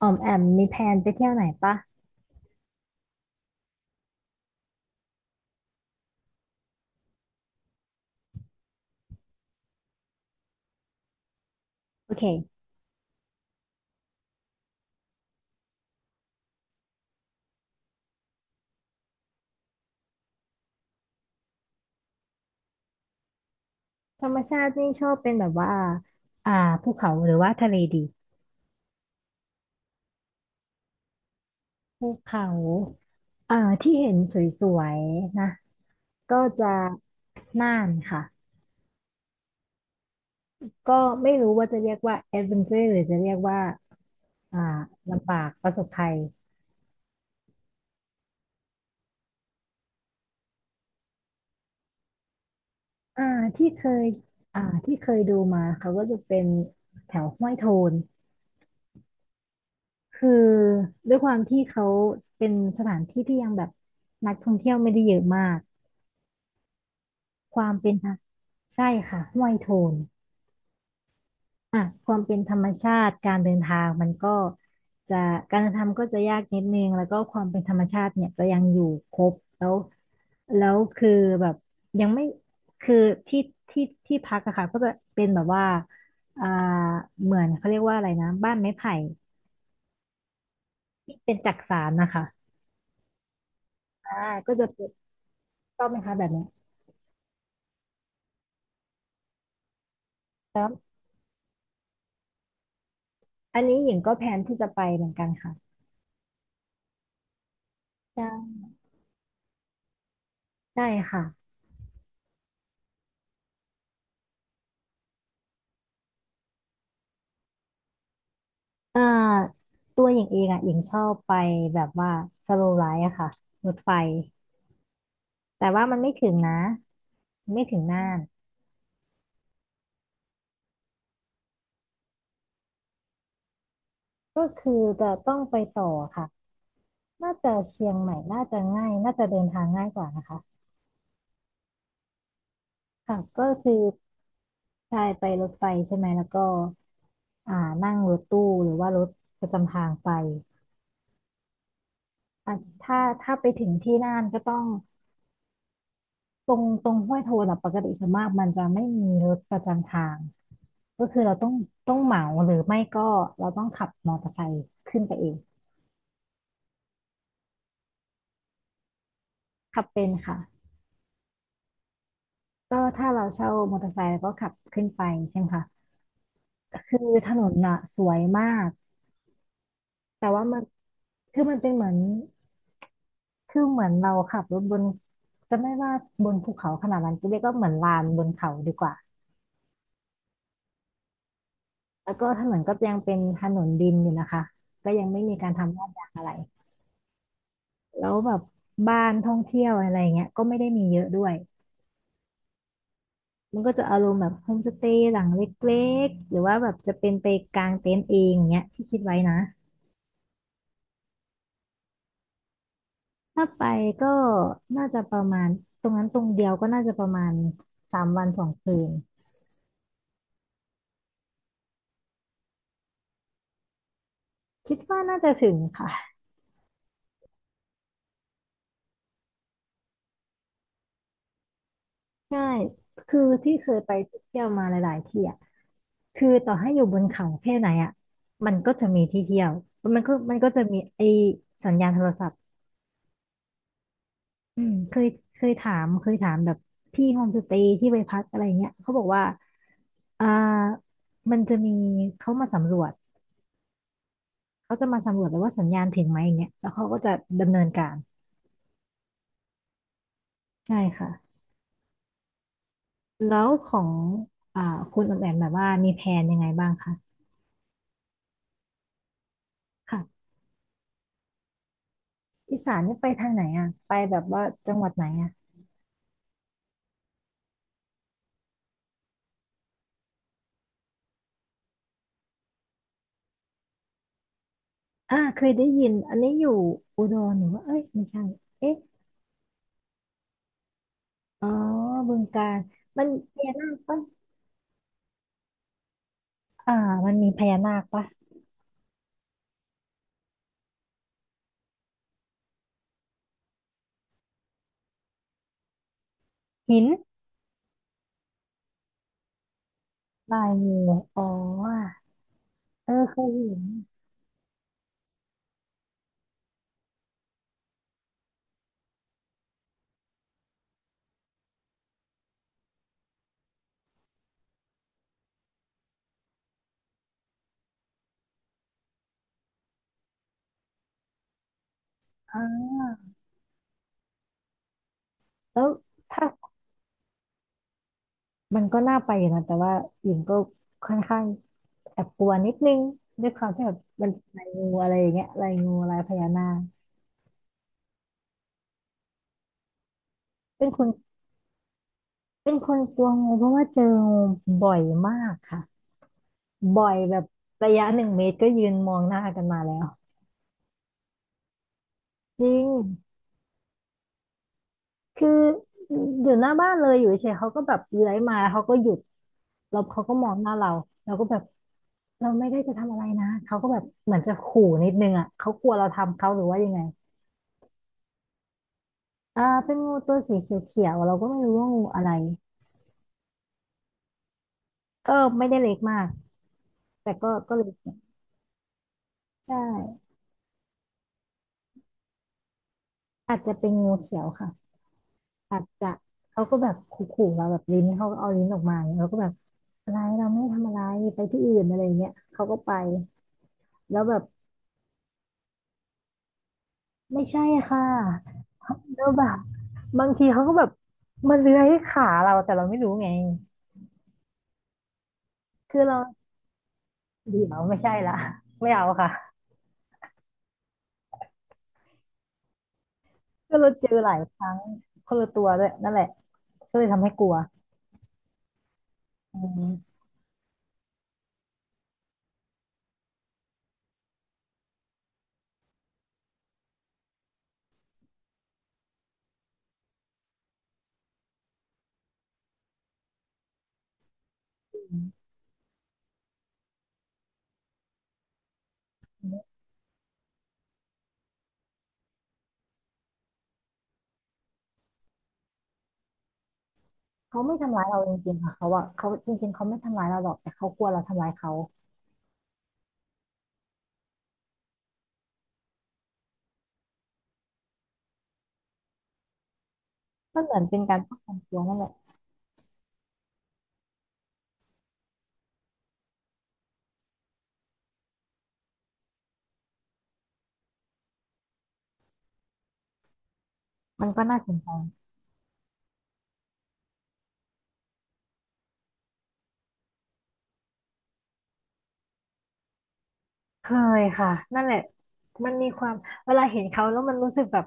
อ๋อมแอมมีแพลนไปเที่ยวไหนปะโอเคธรรมชาตินี่ชอบเป็นแบบว่าอ่าภูเขาหรือว่าทะเลดีภูเขาอ่าที่เห็นสวยๆนะก็จะน่านค่ะก็ไม่รู้ว่าจะเรียกว่าแอดเวนเจอร์หรือจะเรียกว่าอ่าลำบากประสบภัยอ่าที่เคยที่เคยดูมาเขาก็จะเป็นแถวห้วยโทนคือด้วยความที่เขาเป็นสถานที่ที่ยังแบบนักท่องเที่ยวไม่ได้เยอะมาก ความเป็นธรรมใช่ค่ะห้วยโทนอ่ะความเป็นธรรมชาติการเดินทางมันก็จะการเดินทางก็จะยากนิดนึงแล้วก็ความเป็นธรรมชาติเนี่ยจะยังอยู่ครบแล้วแล้วคือแบบยังไม่คือที่ที่ที่พักอะค่ะก็จะเป็นแบบว่าอ่าเหมือนเขาเรียกว่าอะไรนะบ้านไม้ไผ่ที่เป็นจักสานนะคะอ่าก็จะเป็นชอบไหมคะแบบเนี้ยแล้วอันนี้หญิงก็แพลนที่จะไปเหมือนกันค่ะใช่ใช่ค่ะ อ่าตัวหญิงเองอ่ะหญิงชอบไปแบบว่าสโลว์ไลท์อะค่ะรถไฟแต่ว่ามันไม่ถึงนะไม่ถึงน่านก็คือจะต้องไปต่อค่ะน่าจะเชียงใหม่น่าจะง่ายน่าจะเดินทางง่ายกว่านะคะค่ะก็คือใช่ไปรถไฟใช่ไหมแล้วก็อ่านั่งรถตู้หรือว่ารถประจำทางไปอ่ะถ้าไปถึงที่น่านก็ต้องตรงห้วยโทนอะปกติส่วนมากมันจะไม่มีรถประจำทาง ก็คือเราต้องเหมาหรือไม่ก็เราต้องขับมอเตอร์ไซค์ขึ้นไปเองขับเป็นค่ะก็ถ้าเราเช่ามอเตอร์ไซค์เราก็ขับขึ้นไปใช่ไหมคะคือถนนน่ะสวยมากแต่ว่ามันคือมันเป็นเหมือนคือเหมือนเราขับรถบนจะไม่ว่าบนภูเขาขนาดนั้นก็เรียกก็เหมือนลานบนเขาดีกว่าแล้วก็ถนนก็ยังเป็นถนนดินอยู่นะคะก็ยังไม่มีการทำลาดยางอะไรแล้วแบบบ้านท่องเที่ยวอะไรเงี้ยก็ไม่ได้มีเยอะด้วย มันก็จะอารมณ์แบบโฮมสเตย์หลังเล็กๆหรือว่าแบบจะเป็นไปกลางเต็นท์เองอย่างเงี้ยที่คิดไว้นะถ้าไปก็น่าจะประมาณตรงนั้นตรงเดียวก็น่าจะประมาณ3 วัน 2 คืนคิดว่าน่าจะถึงค่ะใช่คือที่เคยไปเที่ยวมาหลายๆที่อ่ะคือต่อให้อยู่บนเขาแค่ไหนอ่ะมันก็จะมีที่เที่ยวมันก็จะมีไอสัญญาณโทรศัพท์ อืมเคยเคยถามแบบพี่โฮมสเตย์ที่ไปพักอะไรเงี้ยเขาบอกว่าอ่า มันจะมีเขามาสำรวจเขาจะมาสำรวจแล้วว่าสัญญาณถึงไหมอย่างเงี้ยแล้วเขาก็จะดำเนินการใช่ค่ะแล้วของอ่าคุณออมแอมแบบว่ามีแผนยังไงบ้างคะค่ะอีสานนี่ไปทางไหนอ่ะไปแบบว่าจังหวัดไหนอ่ะเคยได้ยินอันนี้อยู่อุดรหรือว่าเอ้ยไม่ใช่เอ๊ะอ๋อบึงกาฬมันมีพญานาคปะอ่ามันมีพญานาคปะหิน ลายมืออ๋อเออเคยเห็นอ่าแล้วถ้ามันก็น่าไปอยู่นะแต่ว่าหญิงก็ค่อนข้างแอบกลัวนิดนึงด้วยความที่แบบมันเป็นลายงูอะไรอย่างเงี้ยลายงูลายพญานาคเป็นคนกลัวงูเพราะว่าเจองูบ่อยมากค่ะบ่อยแบบระยะ1 เมตรก็ยืนมองหน้ากันมาแล้วจริงคืออยู่หน้าบ้านเลยอยู่เฉยๆเขาก็แบบเลื้อยมาแล้วเขาก็หยุด แล้วเขาก็มองหน้าเราเราก็แบบเราไม่ได้จะทำอะไรนะเขาก็แบบเหมือนจะขู่นิดนึงอ่ะเขากลัวเราทำเขาหรือว่ายังไงเป็นงูตัวสีเขียวๆเราก็ไม่รู้ว่างูอะไรก็ไม่ได้เล็กมากแต่ก็เล็กอยู่ใช่อาจจะเป็นงูเขียวค่ะอาจจะเขาก็แบบขู่ๆเราแบบลิ้นเขาก็เอาลิ้นออกมาอย่างเงี้ยเราก็แบบอะไรเราไม่ได้ทำอะไรไปที่อื่นอะไรอย่างเงี้ยเขาก็ไปแล้วแบบ ไม่ใช่ค่ะแล้วแบบบางทีเขาก็แบบมันเลื้อยขาเราแต่เราไม่รู้ไงคือเราเดี๋ยวไม่ใช่ละไม่เอาค่ะก็เราเจอหลายครั้งคนละตัวด้วยนั่นแหละก็เลยทำให้กลัวอืมเขาไม่ทำร้ายเราจริงๆค่ะเขาอะเขาจริงๆเขาไม่ทำร้ายเราหรอกแต่เขากลัวเราทำร้ายเขามันเหมือนเป็นการป้องกันตัวนั่นแหละมันก็น่าสนใจเคยค่ะนั่นแหละมันมีความเวลาเห็นเขาแล้วมันรู้สึกแบบ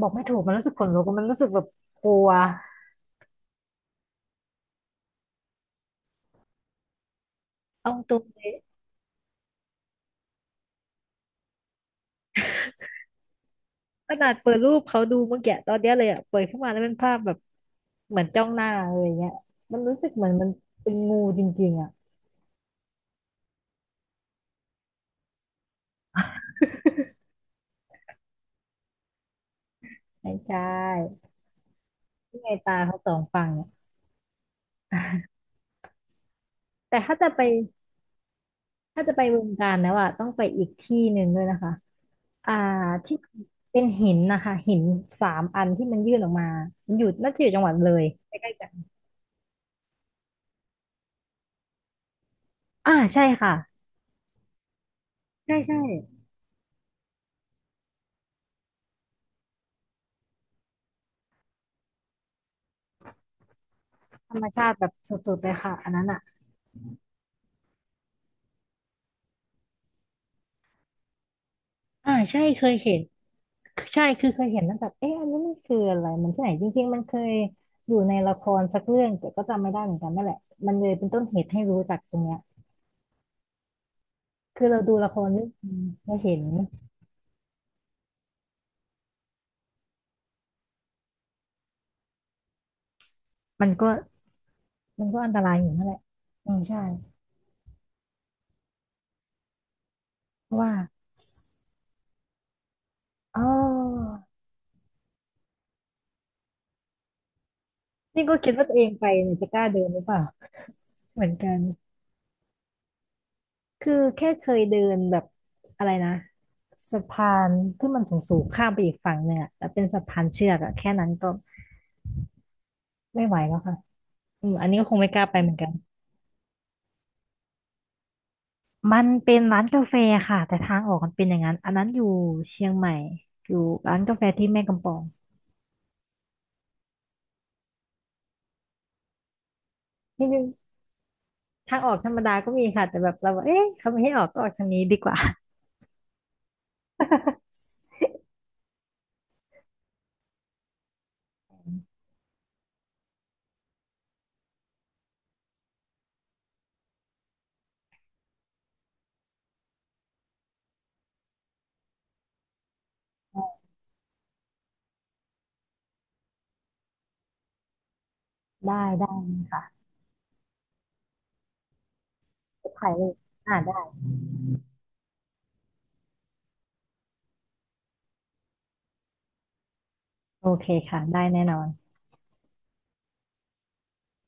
บอกไม่ถูกมันรู้สึกขนลุกมันรู้สึกแบบกลัว เอาตรงเลยขนาดเปิดรูปเขาดูเมื่อกี้ตอนเนี้ยเลยอ่ะเปิดขึ้นมาแล้วเป็นภาพแบบเหมือนจ้องหน้าเลยอย่างเงี้ยมันรู้สึกเหมือนเป็นงูจริงๆอ่ะไม่ใช่ที่ไงตาเขาสองฝั่งเนี่ย แต่ถ้าจะไปถ้าจะไปบึงกาฬแล้วอ่ะต้องไปอีกที่หนึ่งด้วยนะคะอ่าที่เป็นหินนะคะหินสามอันที่มันยื่นออกมามันอยู่น่าจะอยู่จังหวัดเลยใกล้ๆกันอ่าใช่ค่ะใช่ใช่ธรรมชาติแบบสุดๆเลยค่ะอันนั้นอ่ะ อ่าใช่เคยเห็นใช่คือเคยเห็นแล้วแบบเอ๊ะอันนี้มันคืออะไรมันที่ไหนจริงๆมันเคยอยู่ในละครสักเรื่องแต่ก็จำไม่ได้เหมือนกันนั่นแหละมันเลยเป็นต้นเหตุให้รู้จักตรงเนี้ยคือเราดูละครเรื่องนึงเราเห็นมันก็มันก็อันตรายอยู่นั่นแหละอืมใช่เพราะว่าอ๋อนี่ก็คิดว่าตัวเองไปเนี่ยจะกล้าเดินหรือเปล่า เหมือนกันคือแค่เคยเดินแบบอะไรนะสะพานที่มันสูงๆข้ามไปอีกฝั่งหนึ่งอะแต่เป็นสะพานเชือกอะแค่นั้นก็ ไม่ไหวแล้วค่ะ อืมอันนี้ก็คงไม่กล้าไปเหมือนกันมันเป็นร้านกาแฟค่ะแต่ทางออกมันเป็นอย่างนั้นอันนั้นอยู่เชียงใหม่อยู่ร้านกาแฟที่แม่กำปองนี่นึงทางออกธรรมดาก็มีค่ะแต่แบบเราบอกเอ๊ะเขาไม่ให้ออกก็ออกทางนี้ดีกว่า ได้ได้ค่ะถ่ายรูปอ่าได้โอเคค่ะได้แน่นอน